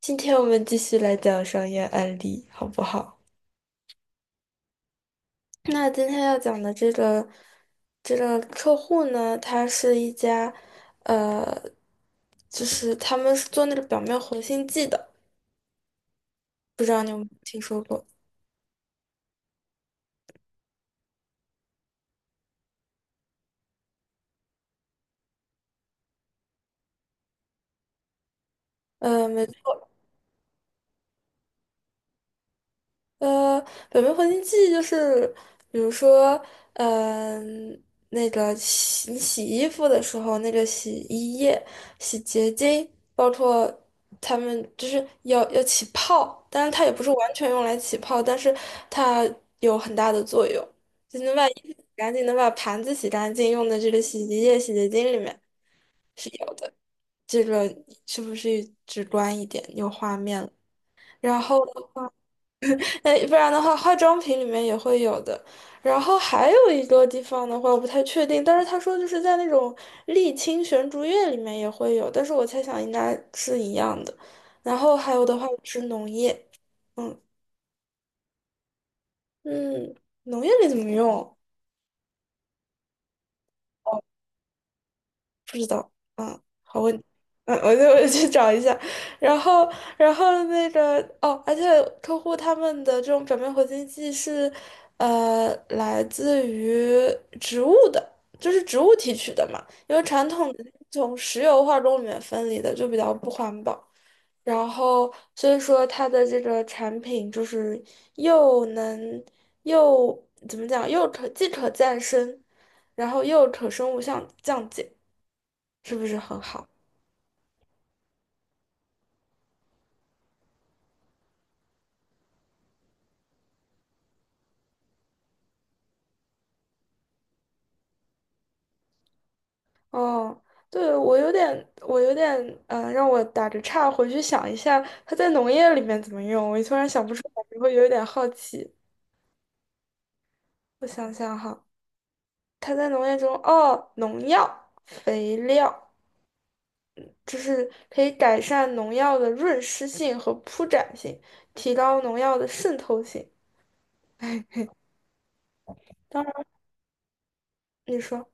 今天我们继续来讲商业案例，好不好？那今天要讲的这个客户呢，他是一家，呃，就是他们是做那个表面活性剂的，不知道你有没有听说过？没错，呃，表面活性剂就是，比如说，嗯、那个你洗衣服的时候，那个洗衣液、洗洁精，包括它们就是要起泡，但是它也不是完全用来起泡，但是它有很大的作用，就能把衣服洗干净，能把盘子洗干净，用的这个洗衣液、洗洁精里面是有的。这个是不是直观一点，有画面了？然后。哎，不然的话，化妆品里面也会有的。然后还有一个地方的话，我不太确定，但是他说就是在那种沥青悬竹叶里面也会有，但是我猜想应该是一样的。然后还有的话是农业，嗯。嗯，农业里怎么用？哦，不知道啊，好问。嗯，我就 我去找一下，然后然后那个，而且客户他们的这种表面活性剂是，呃，来自于植物的，就是植物提取的嘛，因为传统的从石油化工里面分离的就比较不环保，然后所以说它的这个产品就是又能又怎么讲，又可再生，然后又可生物降解。是不是很好？哦，对，我有点，让我打着岔，回去想一下它在农业里面怎么用。我突然想不出来，你会有一点好奇。我想想哈，它在农业中，哦，农药、肥料，就是可以改善农药的润湿性和铺展性，提高农药的渗透性。当然，你说，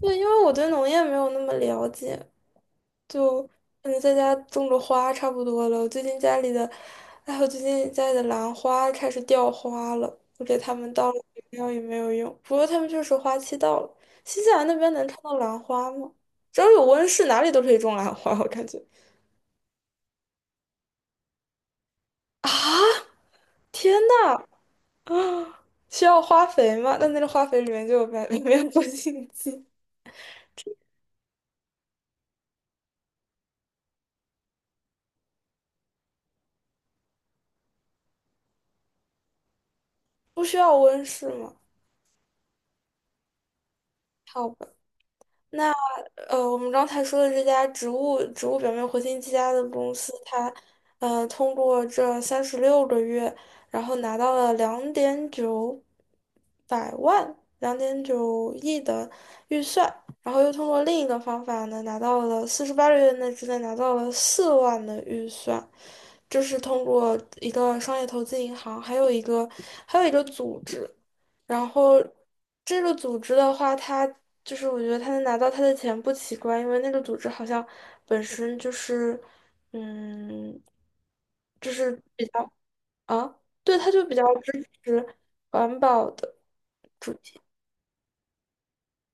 对，因为我对农业没有那么了解，就嗯，在家种种花差不多了。我最近家里的兰花开始掉花了，我给它们倒了肥料也没有用。不过它们确实花期到了。新西兰那边能看到兰花吗？只要有温室，哪里都可以种兰花，我感觉。啊！天呐，啊，需要花肥吗？那那个花肥里面就有白，里面有活性剂，不需要温室吗？好吧。那。呃，我们刚才说的这家植物表面活性剂家的公司，它呃通过这36个月，然后拿到了2.9亿的预算，然后又通过另一个方法呢，拿到了四十八个月内之内拿到了4万的预算，这是通过一个商业投资银行，还有一个组织。然后这个组织的话，它就是我觉得他能拿到他的钱不奇怪，因为那个组织好像本身就是，嗯，就是比较。啊，对，他就比较支持环保的，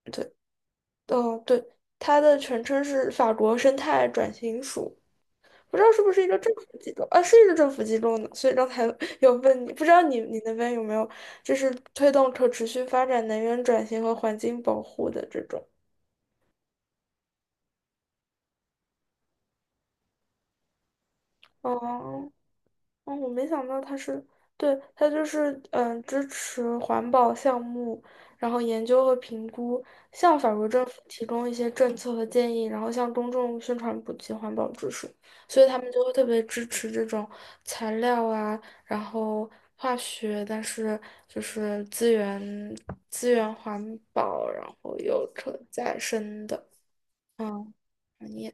对。哦，对，它的全称是法国生态转型署，不知道是不是一个政府机构啊，是一个政府机构呢，所以刚才有问你，不知道你那边有没有就是推动可持续发展、能源转型和环境保护的这种。哦，哦，我没想到他是，对，他就是嗯支持环保项目，然后研究和评估，向法国政府提供一些政策和建议，然后向公众宣传普及环保知识，所以他们就会特别支持这种材料啊，然后化学，但是就是资源环保，然后有可再生的，嗯，产业。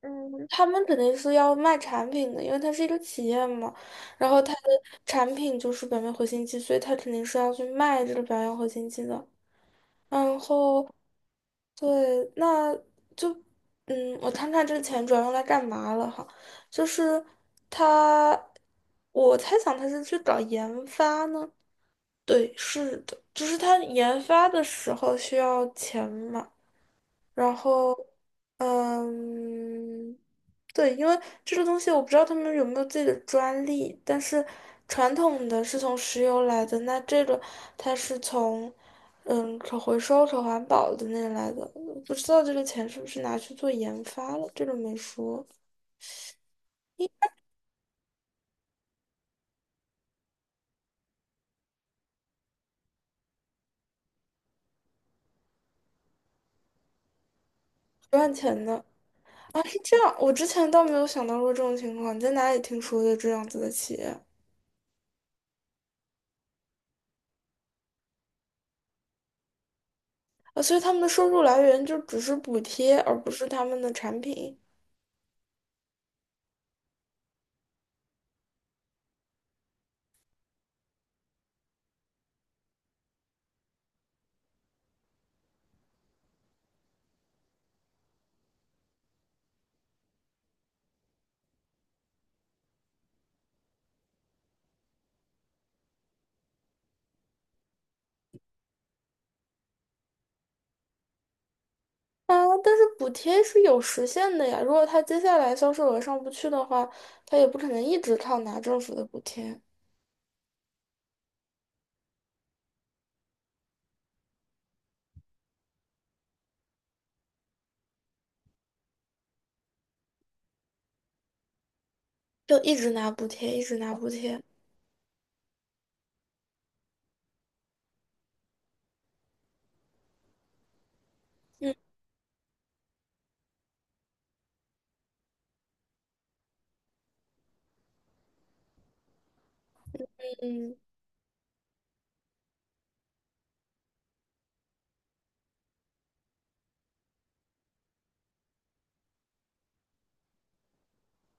嗯，他们肯定是要卖产品的，因为它是一个企业嘛，然后它的产品就是表面活性剂，所以它肯定是要去卖这个表面活性剂的。然后，对，那就，嗯，我看看这个钱主要用来干嘛了哈，就是它，我猜想它是去搞研发呢。对，是的，就是它研发的时候需要钱嘛。然后，嗯，对，因为这个东西我不知道他们有没有自己的专利，但是传统的是从石油来的，那这个它是从嗯可回收、可环保的那来的，不知道这个钱是不是拿去做研发了，这个没说，不赚钱的啊，是这样，我之前倒没有想到过这种情况，你在哪里听说的这样子的企业啊？所以他们的收入来源就只是补贴，而不是他们的产品。啊，但是补贴是有时限的呀。如果他接下来销售额上不去的话，他也不可能一直靠拿政府的补贴，就一直拿补贴，一直拿补贴。嗯。嗯。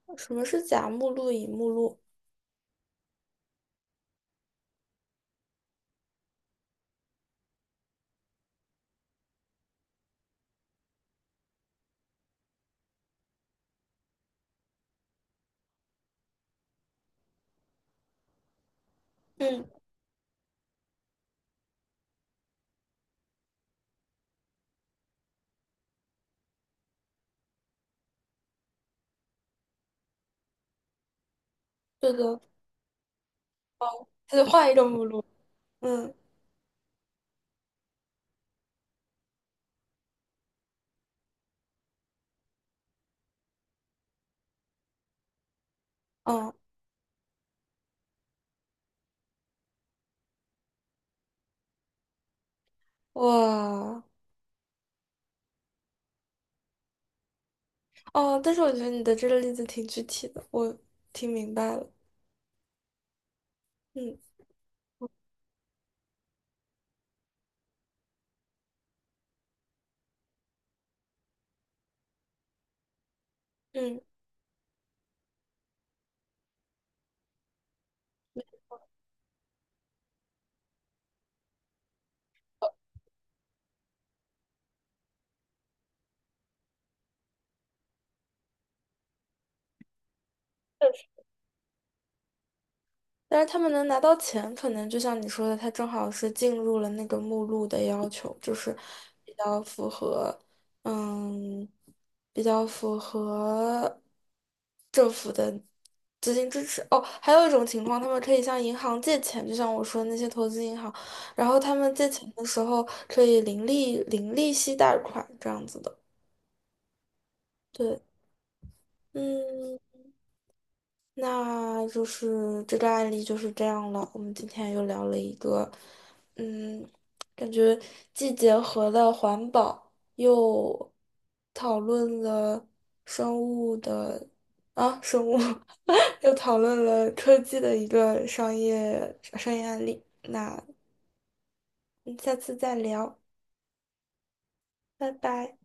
嗯。什么是甲目录、乙目录？嗯，对的，他就换一个目录。嗯。嗯，哇。哦，但是我觉得你的这个例子挺具体的，我听明白了。嗯。嗯。但是他们能拿到钱，可能就像你说的，他正好是进入了那个目录的要求，就是比较符合，嗯，比较符合政府的资金支持。哦，还有一种情况，他们可以向银行借钱，就像我说的那些投资银行，然后他们借钱的时候可以零利息贷款这样子的。对，嗯。那就是这个案例就是这样了。我们今天又聊了一个，嗯，感觉既结合了环保，又讨论了生物的啊生物，又讨论了科技的一个商业案例。那我们下次再聊，拜拜。